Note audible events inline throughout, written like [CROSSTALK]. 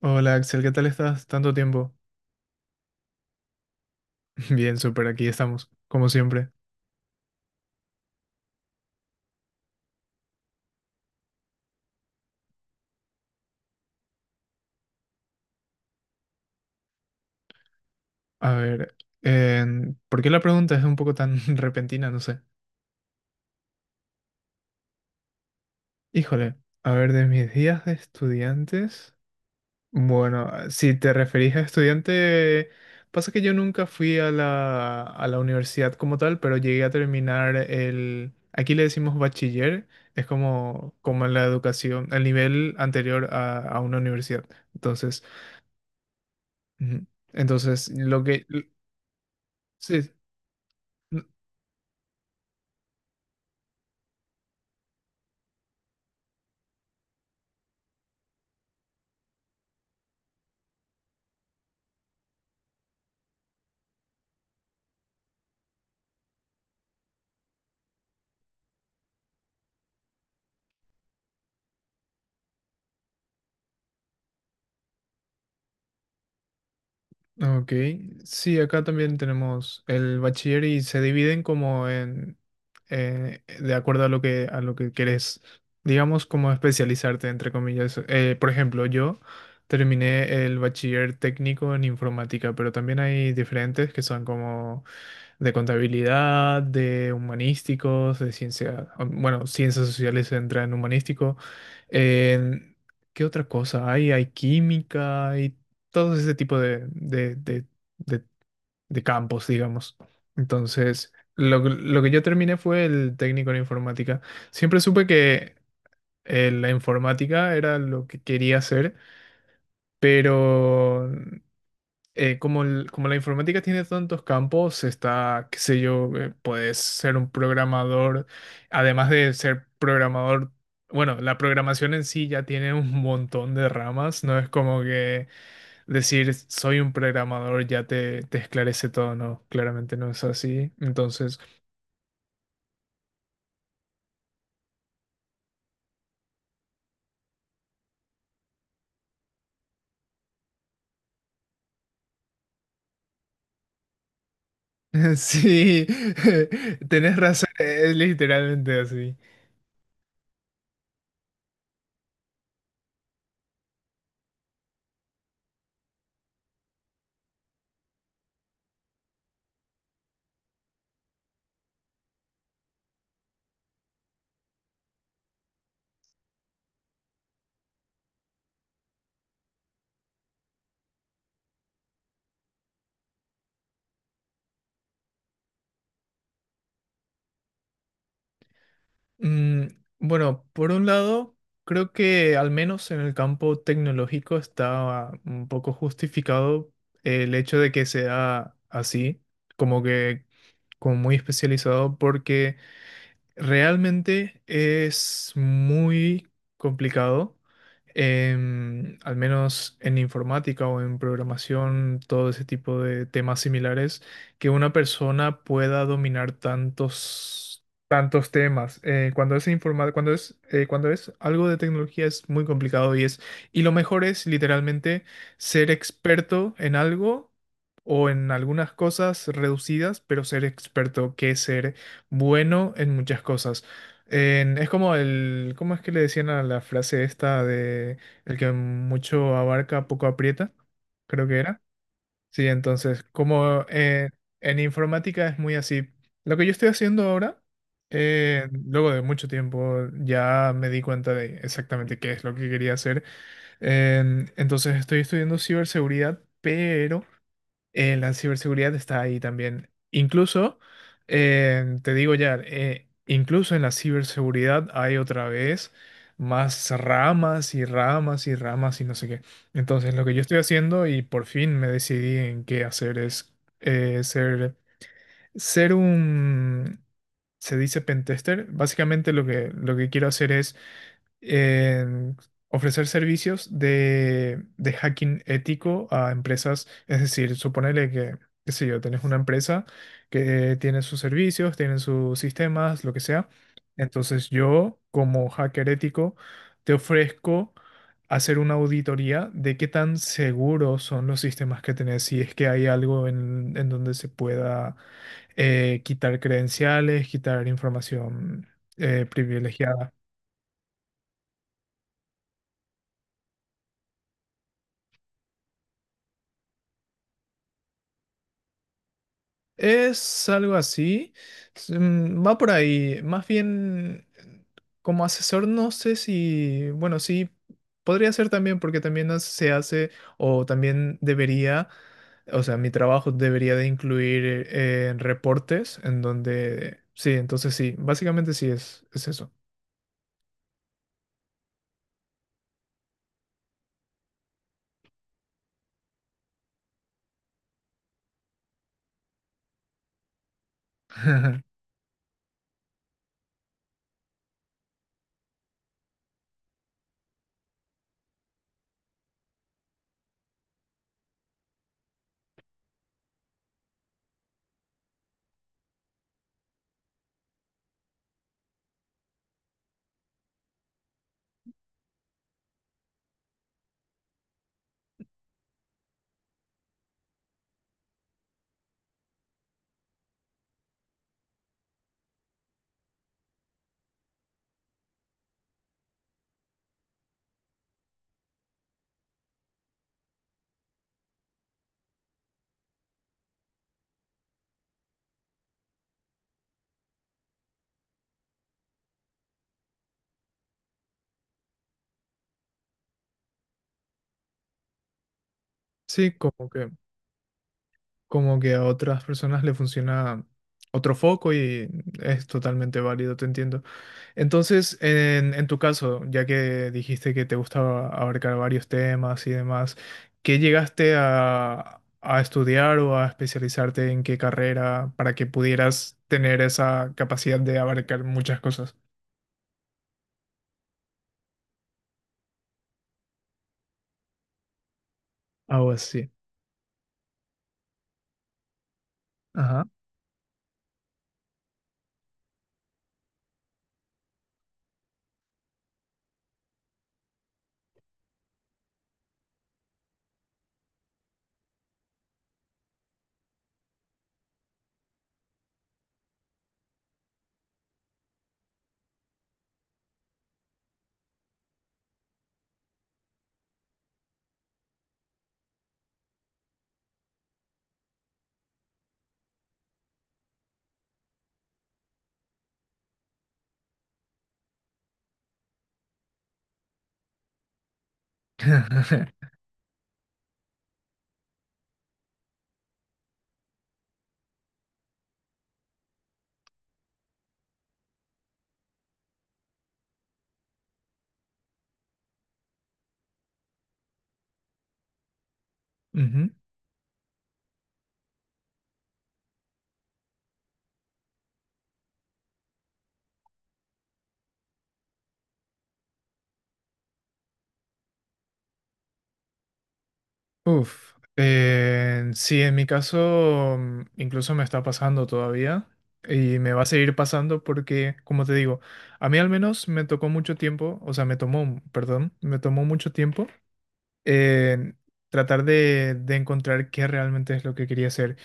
Hola Axel, ¿qué tal estás? Tanto tiempo. [LAUGHS] Bien, súper, aquí estamos, como siempre. A ver, ¿por qué la pregunta es un poco tan [LAUGHS] repentina? No sé. Híjole, a ver, de mis días de estudiantes. Bueno, si te referís a estudiante, pasa que yo nunca fui a la universidad como tal, pero llegué a terminar el... Aquí le decimos bachiller, es como, como la educación, el nivel anterior a una universidad. Entonces... Ujú. Entonces, sí, n- ok. Sí, acá también tenemos el bachiller y se dividen como en, de acuerdo a lo que querés, digamos, como especializarte, entre comillas. Por ejemplo, yo terminé el bachiller técnico en informática, pero también hay diferentes que son como de contabilidad, de humanísticos, de ciencia, bueno, ciencias sociales entra en humanístico. En- ¿Qué otra cosa hay? Hay química, hay todo ese tipo de- de campos, digamos. Entonces, lo que yo terminé fue el técnico en informática. Siempre supe que la informática era lo que quería hacer, pero como, como la informática tiene tantos campos, está, qué sé yo, puedes ser un programador, además de ser programador, bueno, la programación en sí ya tiene un montón de ramas, no es como que decir soy un programador ya te esclarece todo, no, claramente no es así. Entonces, [LAUGHS] sí, [LAUGHS] tenés razón, es literalmente así. Mm, bueno, por un lado, creo que al menos en el campo tecnológico está un poco justificado el hecho de que sea así, como que como muy especializado, porque realmente es muy complicado, al menos en informática o en programación, todo ese tipo de temas similares, que una persona pueda dominar tantos temas. Cuando es algo de tecnología es muy complicado y es, y lo mejor es literalmente ser experto en algo o en algunas cosas reducidas, pero ser experto que ser bueno en muchas cosas. Es como el, ¿cómo es que le decían a la frase esta de el que mucho abarca, poco aprieta? Creo que era. Sí, entonces, como en informática es muy así. Lo que yo estoy haciendo ahora, luego de mucho tiempo, ya me di cuenta de exactamente qué es lo que quería hacer. Entonces, estoy estudiando ciberseguridad, pero la ciberseguridad está ahí también. Incluso, te digo ya, incluso en la ciberseguridad hay otra vez más ramas y ramas y ramas y no sé qué. Entonces, lo que yo estoy haciendo y por fin me decidí en qué hacer es eh, ser, ser un, se dice pentester. Básicamente lo que quiero hacer es en ofrecer servicios de hacking ético a empresas. Es decir, suponele que, qué sé yo, tenés una empresa que tiene sus servicios, tiene sus sistemas, lo que sea. Entonces yo, como hacker ético, te ofrezco hacer una auditoría de qué tan seguros son los sistemas que tenés, si es que hay algo en donde se pueda quitar credenciales, quitar información privilegiada. Es algo así, va por ahí, más bien como asesor no sé si, bueno, sí, podría ser también porque también se hace o también debería, o sea, mi trabajo debería de incluir reportes en donde, sí, entonces sí, básicamente sí es eso. [LAUGHS] Sí, como que a otras personas le funciona otro foco y es totalmente válido, te entiendo. Entonces, en tu caso, ya que dijiste que te gustaba abarcar varios temas y demás, ¿qué llegaste a estudiar o a especializarte en qué carrera para que pudieras tener esa capacidad de abarcar muchas cosas? Algo así. Ajá. [LAUGHS] Ujú. Uf, sí, en mi caso incluso me está pasando todavía y me va a seguir pasando porque, como te digo, a mí al menos me tocó mucho tiempo, o sea, me tomó, perdón, me tomó mucho tiempo eh, tratar de encontrar qué realmente es lo que quería hacer.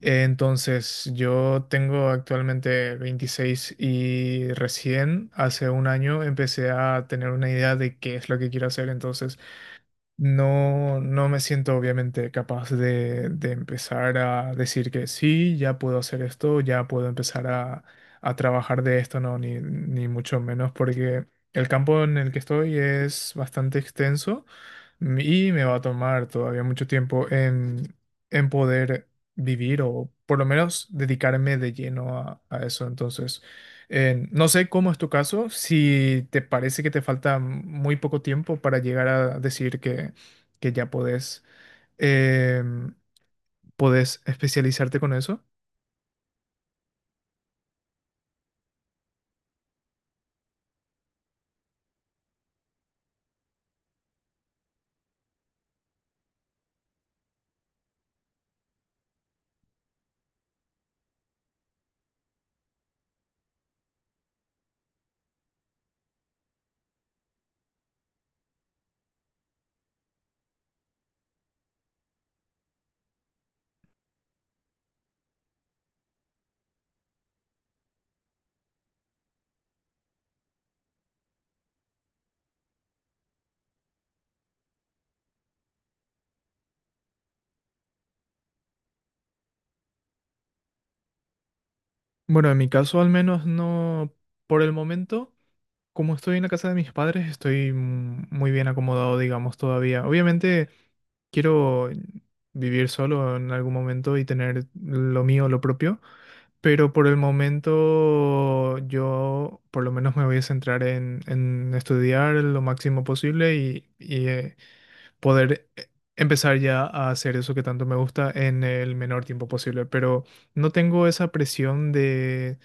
Entonces, yo tengo actualmente 26 y recién hace 1 año empecé a tener una idea de qué es lo que quiero hacer, entonces... No, no me siento obviamente capaz de empezar a decir que sí, ya puedo hacer esto, ya puedo empezar a trabajar de esto, no, ni mucho menos, porque el campo en el que estoy es bastante extenso y me va a tomar todavía mucho tiempo en poder vivir o por lo menos dedicarme de lleno a eso. Entonces, no sé cómo es tu caso, si te parece que te falta muy poco tiempo para llegar a decir que ya podés. em, ¿Podés especializarte con eso? Bueno, en mi caso al menos no por el momento. Como estoy en la casa de mis padres, estoy muy bien acomodado, digamos, todavía. Obviamente... Quiero vivir solo en algún momento y tener lo mío, lo propio, pero por el momento yo por lo menos me voy a centrar en estudiar lo máximo posible y poder empezar ya a hacer eso que tanto me gusta en el menor tiempo posible. Pero no tengo esa presión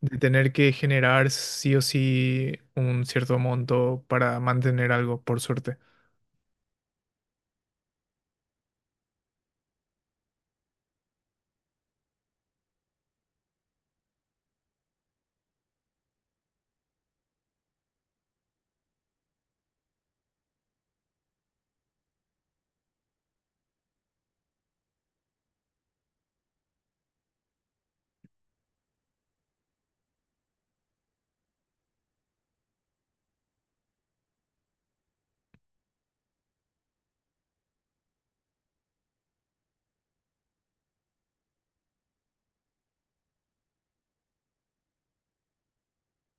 de tener que generar sí o sí un cierto monto para mantener algo, por suerte.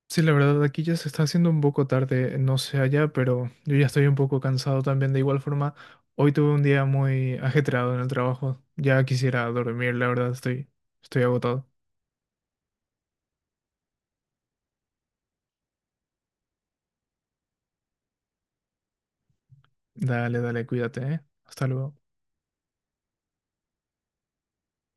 Sí, la verdad, aquí ya se está haciendo un poco tarde, no sé allá, pero yo ya estoy un poco cansado también. De igual forma, hoy tuve un día muy ajetreado en el trabajo. Ya quisiera dormir, la verdad, estoy, estoy agotado. Dale, dale, cuídate, ¿eh? Hasta luego.